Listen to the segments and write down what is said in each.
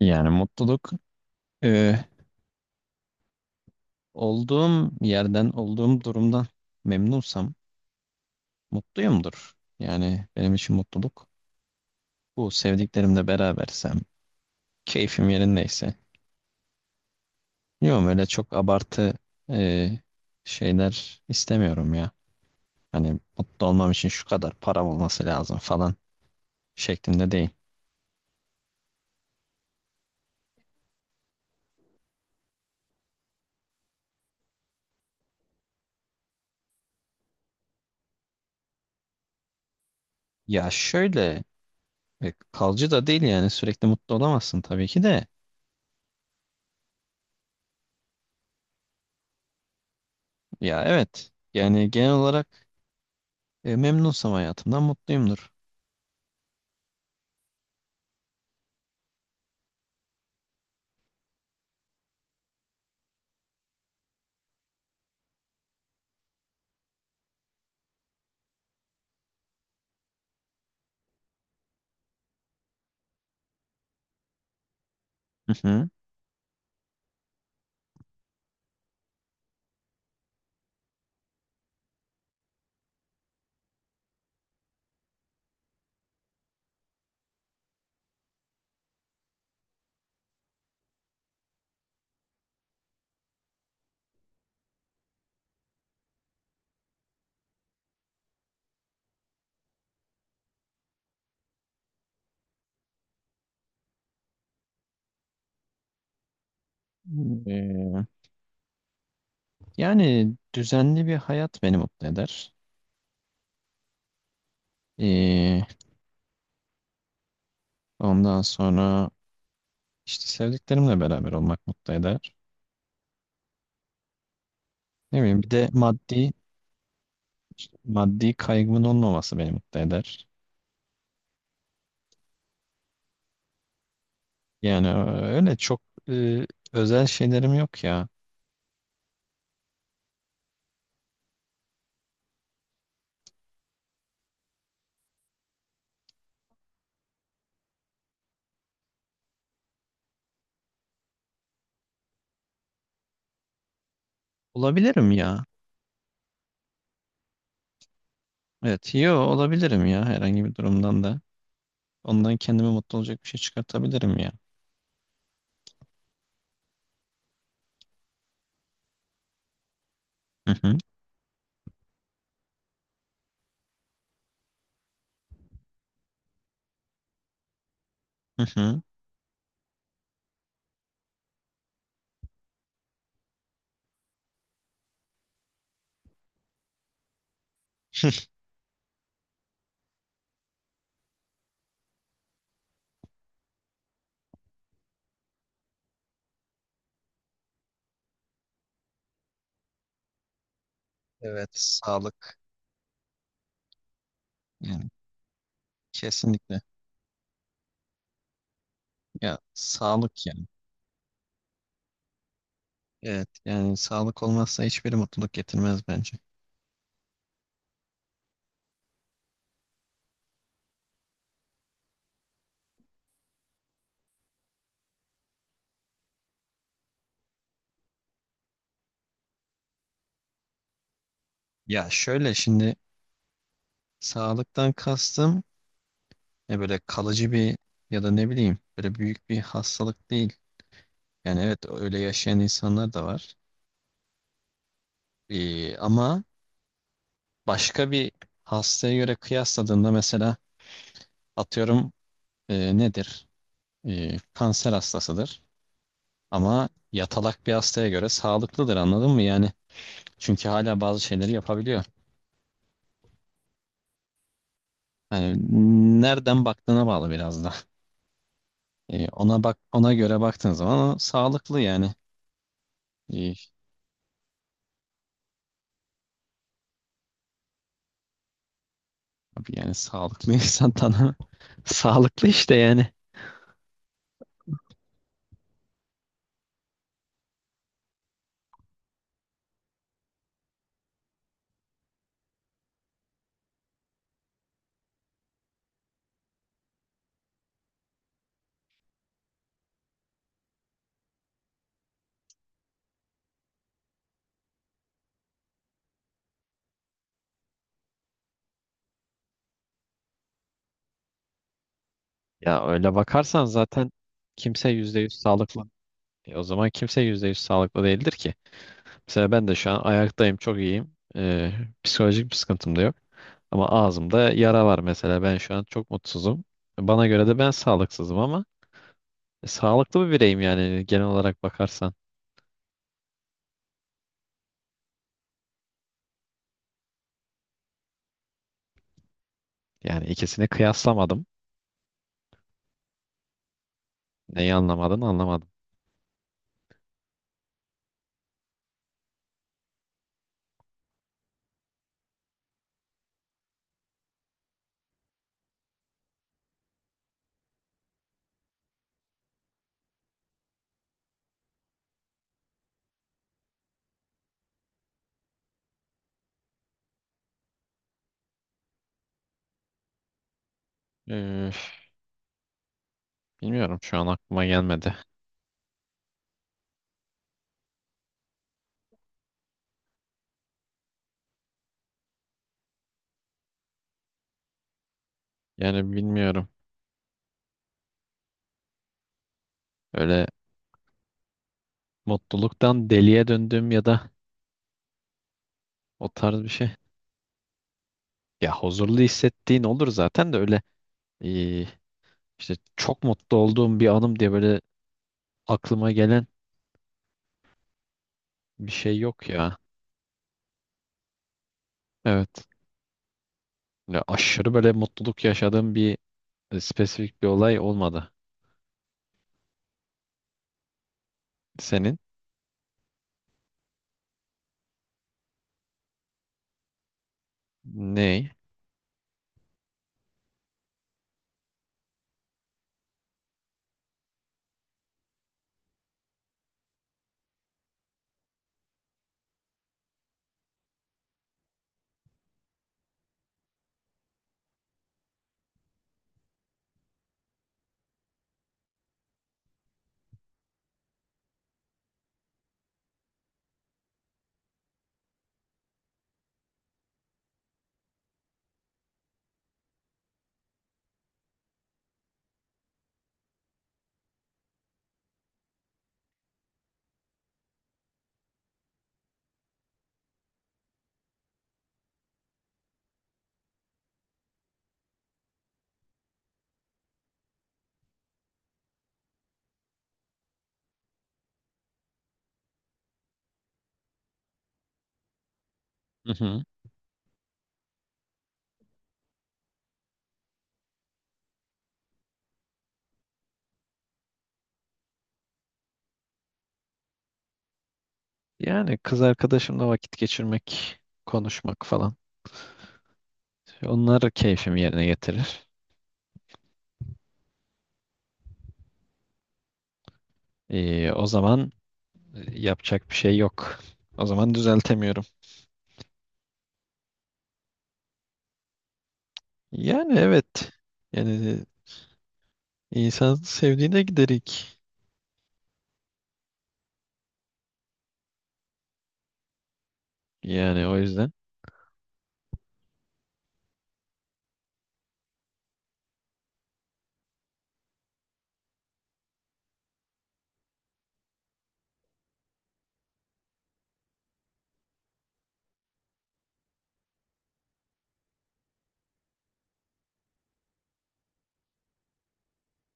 Yani mutluluk e, olduğum yerden, olduğum durumdan memnunsam mutluyumdur. Yani benim için mutluluk bu. Sevdiklerimle berabersem, keyfim yerindeyse. Yok öyle çok abartı e, şeyler istemiyorum ya. Hani mutlu olmam için şu kadar param olması lazım falan şeklinde değil. Ya şöyle kalıcı da değil yani sürekli mutlu olamazsın tabii ki de. Ya evet yani genel olarak memnunsam hayatımdan mutluyumdur. Hı hı. Ee, yani düzenli bir hayat beni mutlu eder. Ee, ondan sonra işte sevdiklerimle beraber olmak mutlu eder. Ne bileyim bir de maddi maddi kaygımın olmaması beni mutlu eder. Yani öyle çok e, özel şeylerim yok ya. Olabilirim ya. Evet, yo olabilirim ya herhangi bir durumdan da. Ondan kendime mutlu olacak bir şey çıkartabilirim ya. Hı hı, hı hı. Evet, sağlık. Yani kesinlikle. Ya sağlık yani. Evet yani sağlık olmazsa hiçbir mutluluk getirmez bence. Ya şöyle şimdi sağlıktan kastım böyle kalıcı bir ya da ne bileyim böyle büyük bir hastalık değil. Yani evet öyle yaşayan insanlar da var. Ama başka bir hastaya göre kıyasladığında mesela atıyorum nedir? E, kanser hastasıdır. Ama yatalak bir hastaya göre sağlıklıdır, anladın mı? Yani çünkü hala bazı şeyleri yapabiliyor. Yani nereden baktığına bağlı biraz da. Ona bak, ona göre baktığın zaman o sağlıklı yani. E, abi yani sağlıklı insan tanımı sağlıklı işte yani. Ya öyle bakarsan zaten kimse 100% sağlıklı. O zaman kimse 100% sağlıklı değildir ki. Mesela ben de şu an ayaktayım, çok iyiyim. Psikolojik bir sıkıntım da yok. Ama ağzımda yara var mesela. Ben şu an çok mutsuzum. Bana göre de ben sağlıksızım ama sağlıklı bir bireyim yani genel olarak bakarsan. Yani ikisini kıyaslamadım. Neyi anlamadın, anlamadım. E, Bilmiyorum, şu an aklıma gelmedi. Yani bilmiyorum. Öyle mutluluktan deliye döndüğüm ya da o tarz bir şey. Ya huzurlu hissettiğin olur zaten de öyle eee, işte çok mutlu olduğum bir anım diye böyle aklıma gelen bir şey yok ya. Evet. Ya aşırı böyle mutluluk yaşadığım bir spesifik bir olay olmadı. Senin? Ney? Hı hı. Yani kız arkadaşımla vakit geçirmek, konuşmak falan. Onlar keyfimi yerine getirir. O zaman yapacak bir şey yok. O zaman düzeltemiyorum. Yani evet. Yani insan sevdiğine giderik. Yani o yüzden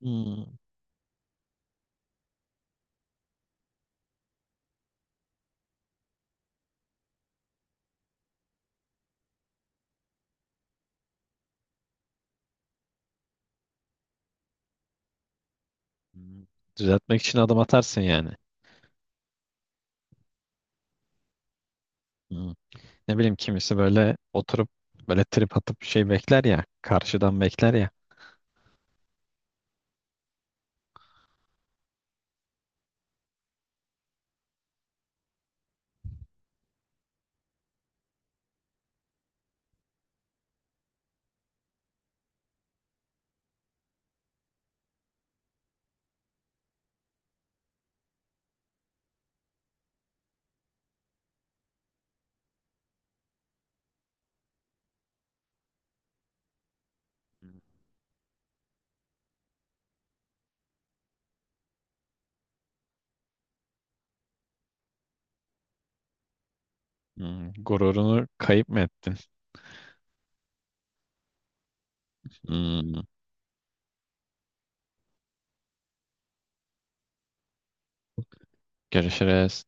hmm, düzeltmek için adım atarsın yani. Hmm. Ne bileyim, kimisi böyle oturup böyle trip atıp şey bekler ya. Karşıdan bekler ya. Hmm, gururunu kayıp mı ettin? Hmm. Görüşürüz.